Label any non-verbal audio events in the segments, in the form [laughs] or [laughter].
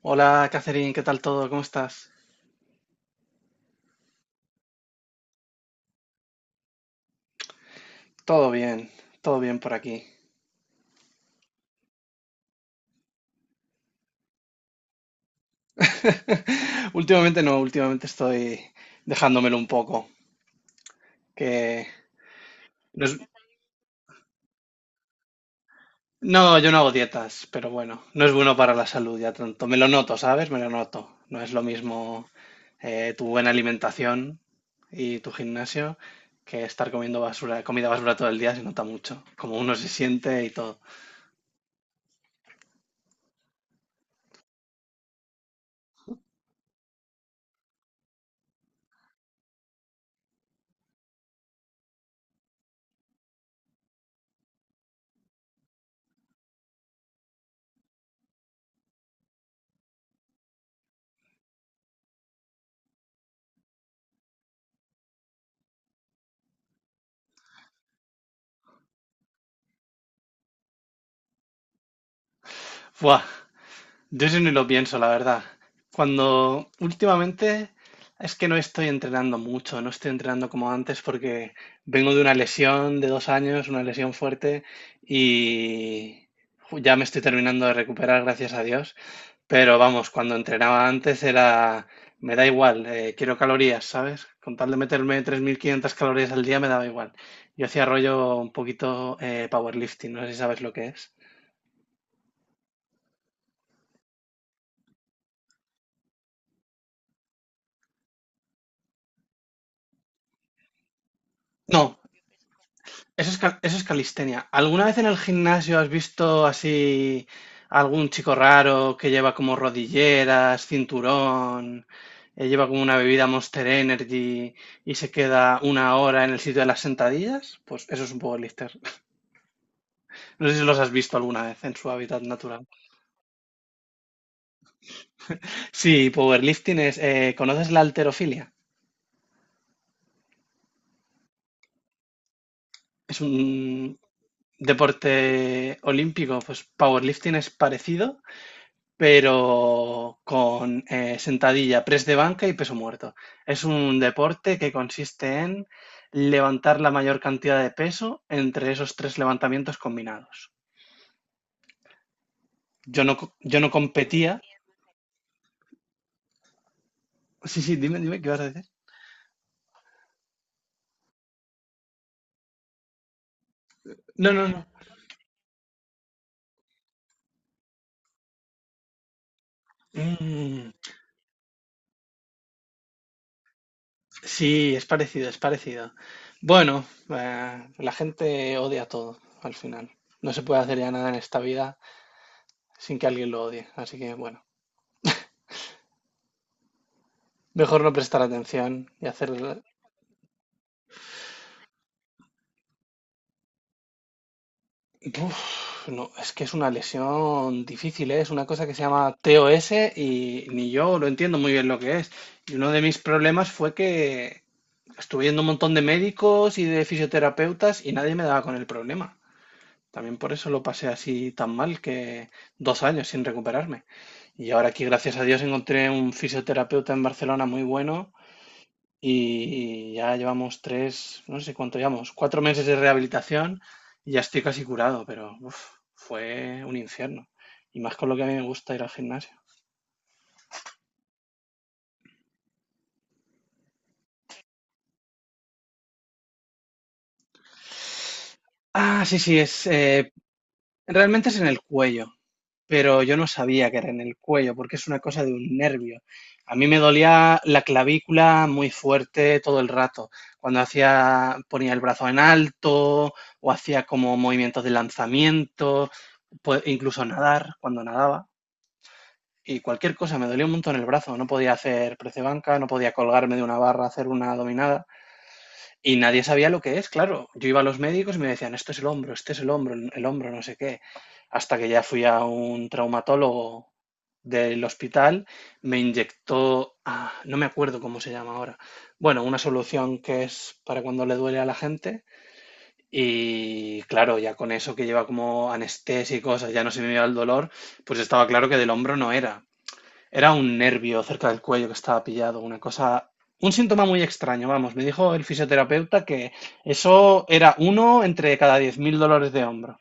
Hola, Catherine, ¿qué tal todo? ¿Cómo estás? Todo bien, todo bien por aquí. [laughs] Últimamente no, últimamente estoy dejándomelo un poco, que no es- no, yo no hago dietas, pero bueno, no es bueno para la salud ya tanto. Me lo noto, ¿sabes? Me lo noto. No es lo mismo tu buena alimentación y tu gimnasio que estar comiendo basura, comida basura todo el día. Se nota mucho, como uno se siente y todo. ¡Fua! Yo sí ni lo pienso, la verdad. Cuando Últimamente es que no estoy entrenando mucho, no estoy entrenando como antes porque vengo de una lesión de 2 años, una lesión fuerte y ya me estoy terminando de recuperar, gracias a Dios. Pero vamos, cuando entrenaba antes era, me da igual, quiero calorías, ¿sabes? Con tal de meterme 3.500 calorías al día, me daba igual. Yo hacía rollo un poquito powerlifting, no sé si sabes lo que es. No, eso es, eso es calistenia. ¿Alguna vez en el gimnasio has visto así algún chico raro que lleva como rodilleras, cinturón, lleva como una bebida Monster Energy y se queda 1 hora en el sitio de las sentadillas? Pues eso es un powerlifter. [laughs] No sé si los has visto alguna vez en su hábitat natural. Sí, powerlifting es... ¿conoces la halterofilia? Es un deporte olímpico, pues powerlifting es parecido, pero con sentadilla, press de banca y peso muerto. Es un deporte que consiste en levantar la mayor cantidad de peso entre esos tres levantamientos combinados. Yo no, yo no competía. Sí, sí, dime, dime, ¿qué vas a decir? No, no, no. Mm, sí, es parecido, es parecido. Bueno, la gente odia todo al final. No se puede hacer ya nada en esta vida sin que alguien lo odie. Así que bueno, mejor no prestar atención y hacer. Uf, no, es que es una lesión difícil, ¿eh? Es una cosa que se llama TOS y ni yo lo entiendo muy bien lo que es. Y uno de mis problemas fue que estuve yendo a un montón de médicos y de fisioterapeutas y nadie me daba con el problema. También por eso lo pasé así tan mal, que 2 años sin recuperarme. Y ahora aquí, gracias a Dios, encontré un fisioterapeuta en Barcelona muy bueno y ya llevamos tres, no sé cuánto llevamos, 4 meses de rehabilitación y ya estoy casi curado, pero uf, fue un infierno. Y más con lo que a mí me gusta ir al gimnasio. Ah, sí, sí, es, realmente es en el cuello, pero yo no sabía que era en el cuello porque es una cosa de un nervio. A mí me dolía la clavícula muy fuerte todo el rato. Cuando hacía, ponía el brazo en alto o hacía como movimientos de lanzamiento, incluso nadar, cuando nadaba. Y cualquier cosa, me dolía un montón el brazo, no podía hacer prece banca, no podía colgarme de una barra, hacer una dominada y nadie sabía lo que es, claro. Yo iba a los médicos y me decían, esto es el hombro, este es el hombro, no sé qué, hasta que ya fui a un traumatólogo del hospital, me inyectó, ah, no me acuerdo cómo se llama ahora, bueno, una solución que es para cuando le duele a la gente. Y claro, ya con eso que lleva como anestesia y cosas, ya no se me iba el dolor, pues estaba claro que del hombro no era, era un nervio cerca del cuello que estaba pillado, una cosa, un síntoma muy extraño, vamos. Me dijo el fisioterapeuta que eso era uno entre cada 10.000 dolores de hombro.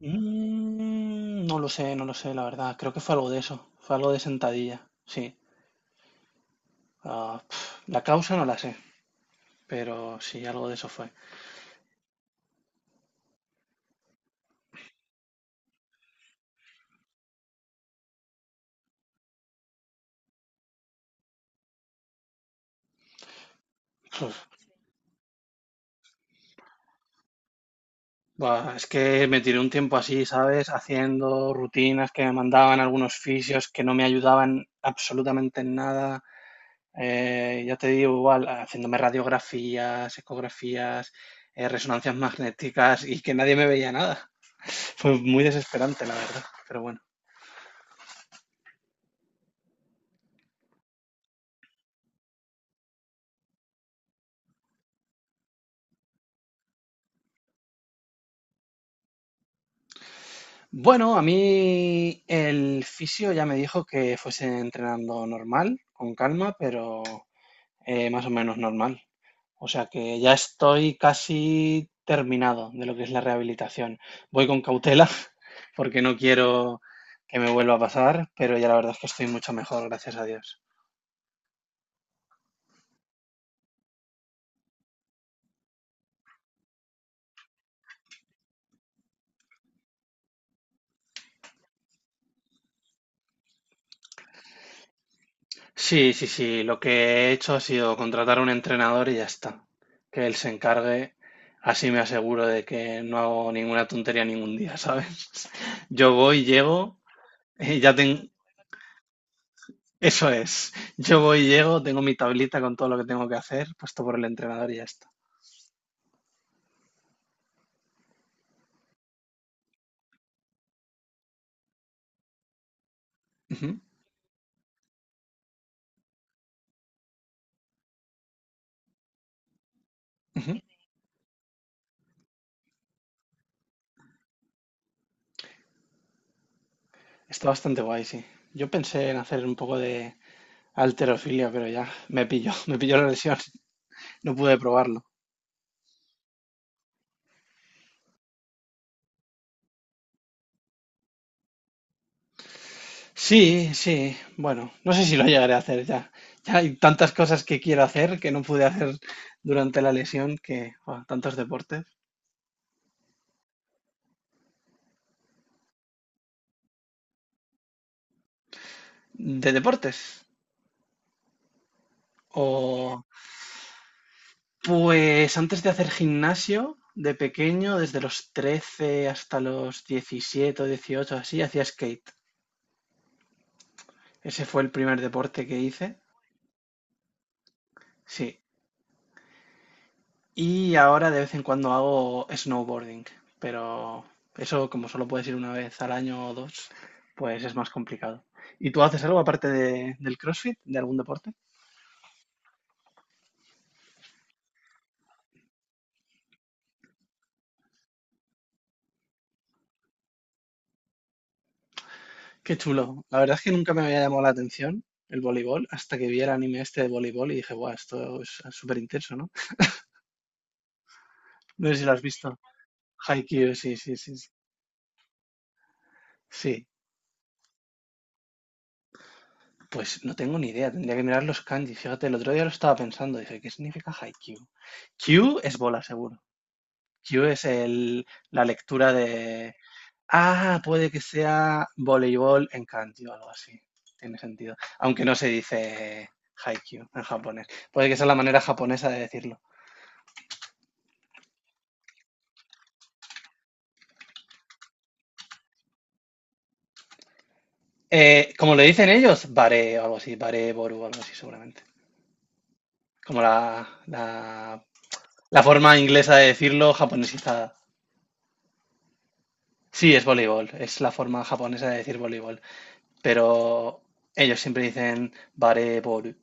Mm, no lo sé, no lo sé, la verdad. Creo que fue algo de eso. Fue algo de sentadilla. Sí. Ah, pf, la causa no la sé, pero sí, algo de eso fue. Uf, buah, es que me tiré un tiempo así, ¿sabes? Haciendo rutinas que me mandaban algunos fisios que no me ayudaban absolutamente en nada. Ya te digo, igual, haciéndome radiografías, ecografías, resonancias magnéticas y que nadie me veía nada. [laughs] Fue muy desesperante, la verdad, pero bueno. Bueno, a mí el fisio ya me dijo que fuese entrenando normal, con calma, pero más o menos normal. O sea, que ya estoy casi terminado de lo que es la rehabilitación. Voy con cautela [laughs] porque no quiero que me vuelva a pasar, pero ya la verdad es que estoy mucho mejor, gracias a Dios. Sí, sí, sí. Lo que he hecho ha sido contratar a un entrenador y ya está. Que él se encargue. Así me aseguro de que no hago ninguna tontería ningún día, ¿sabes? [laughs] Yo voy, llego, [laughs] ya tengo... Eso es. Yo voy, llego, tengo mi tablita con todo lo que tengo que hacer, puesto por el entrenador y ya está. Ujú, ujú. Está bastante guay, sí. Yo pensé en hacer un poco de alterofilia, pero ya me pilló, [laughs] me pilló la lesión. [laughs] No pude probarlo. Sí, sí. Bueno, no sé si lo llegaré a hacer ya. Ya hay tantas cosas que quiero hacer que no pude hacer durante la lesión que, buah, tantos deportes. ¿De deportes? O pues antes de hacer gimnasio, de pequeño, desde los 13 hasta los 17, o 18, así, hacía skate. Ese fue el primer deporte que hice. Sí. Y ahora de vez en cuando hago snowboarding, pero eso como solo puedes ir una vez al año o dos, pues es más complicado. ¿Y tú haces algo aparte del CrossFit, de algún deporte? Qué chulo. La verdad es que nunca me había llamado la atención el voleibol hasta que vi el anime este de voleibol y dije, guau, esto es súper intenso, ¿no? No sé si lo has visto. Haikyuu, sí, sí, sí. Sí, sí, pues no tengo ni idea. Tendría que mirar los kanji. Fíjate, el otro día lo estaba pensando. Dije, ¿qué significa Haikyuu? Q es bola, seguro. Q es el, la lectura de. Ah, puede que sea voleibol en kanji o algo así. Tiene sentido. Aunque no se dice haikyuu en japonés. Puede que sea la manera japonesa de decirlo. Como le dicen ellos, bare o algo así, bare boru o algo así, seguramente. Como la forma inglesa de decirlo japonesizada. Sí, es voleibol, es la forma japonesa de decir voleibol. Pero ellos siempre dicen bare boru.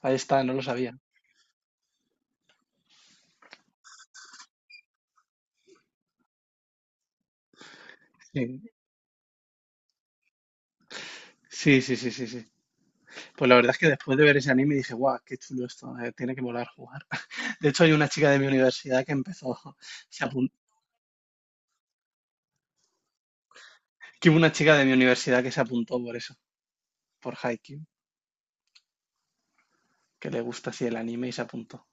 Ahí está, no lo sabía. Sí. Sí, sí, sí, sí, sí. Pues la verdad es que después de ver ese anime dije, guau, qué chulo esto, tiene que volar a jugar. [laughs] De hecho, hay una chica de mi universidad que empezó, [laughs] se apuntó, que hubo una chica de mi universidad que se apuntó por eso, por Haikyuu, que le gusta así el anime y se apuntó.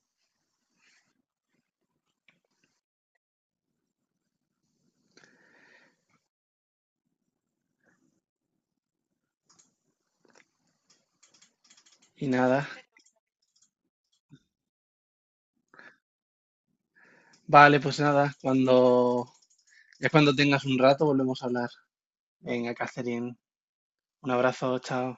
Y nada, vale, pues nada, cuando, ya cuando tengas un rato volvemos a hablar. Venga, Catherine, un abrazo, chao.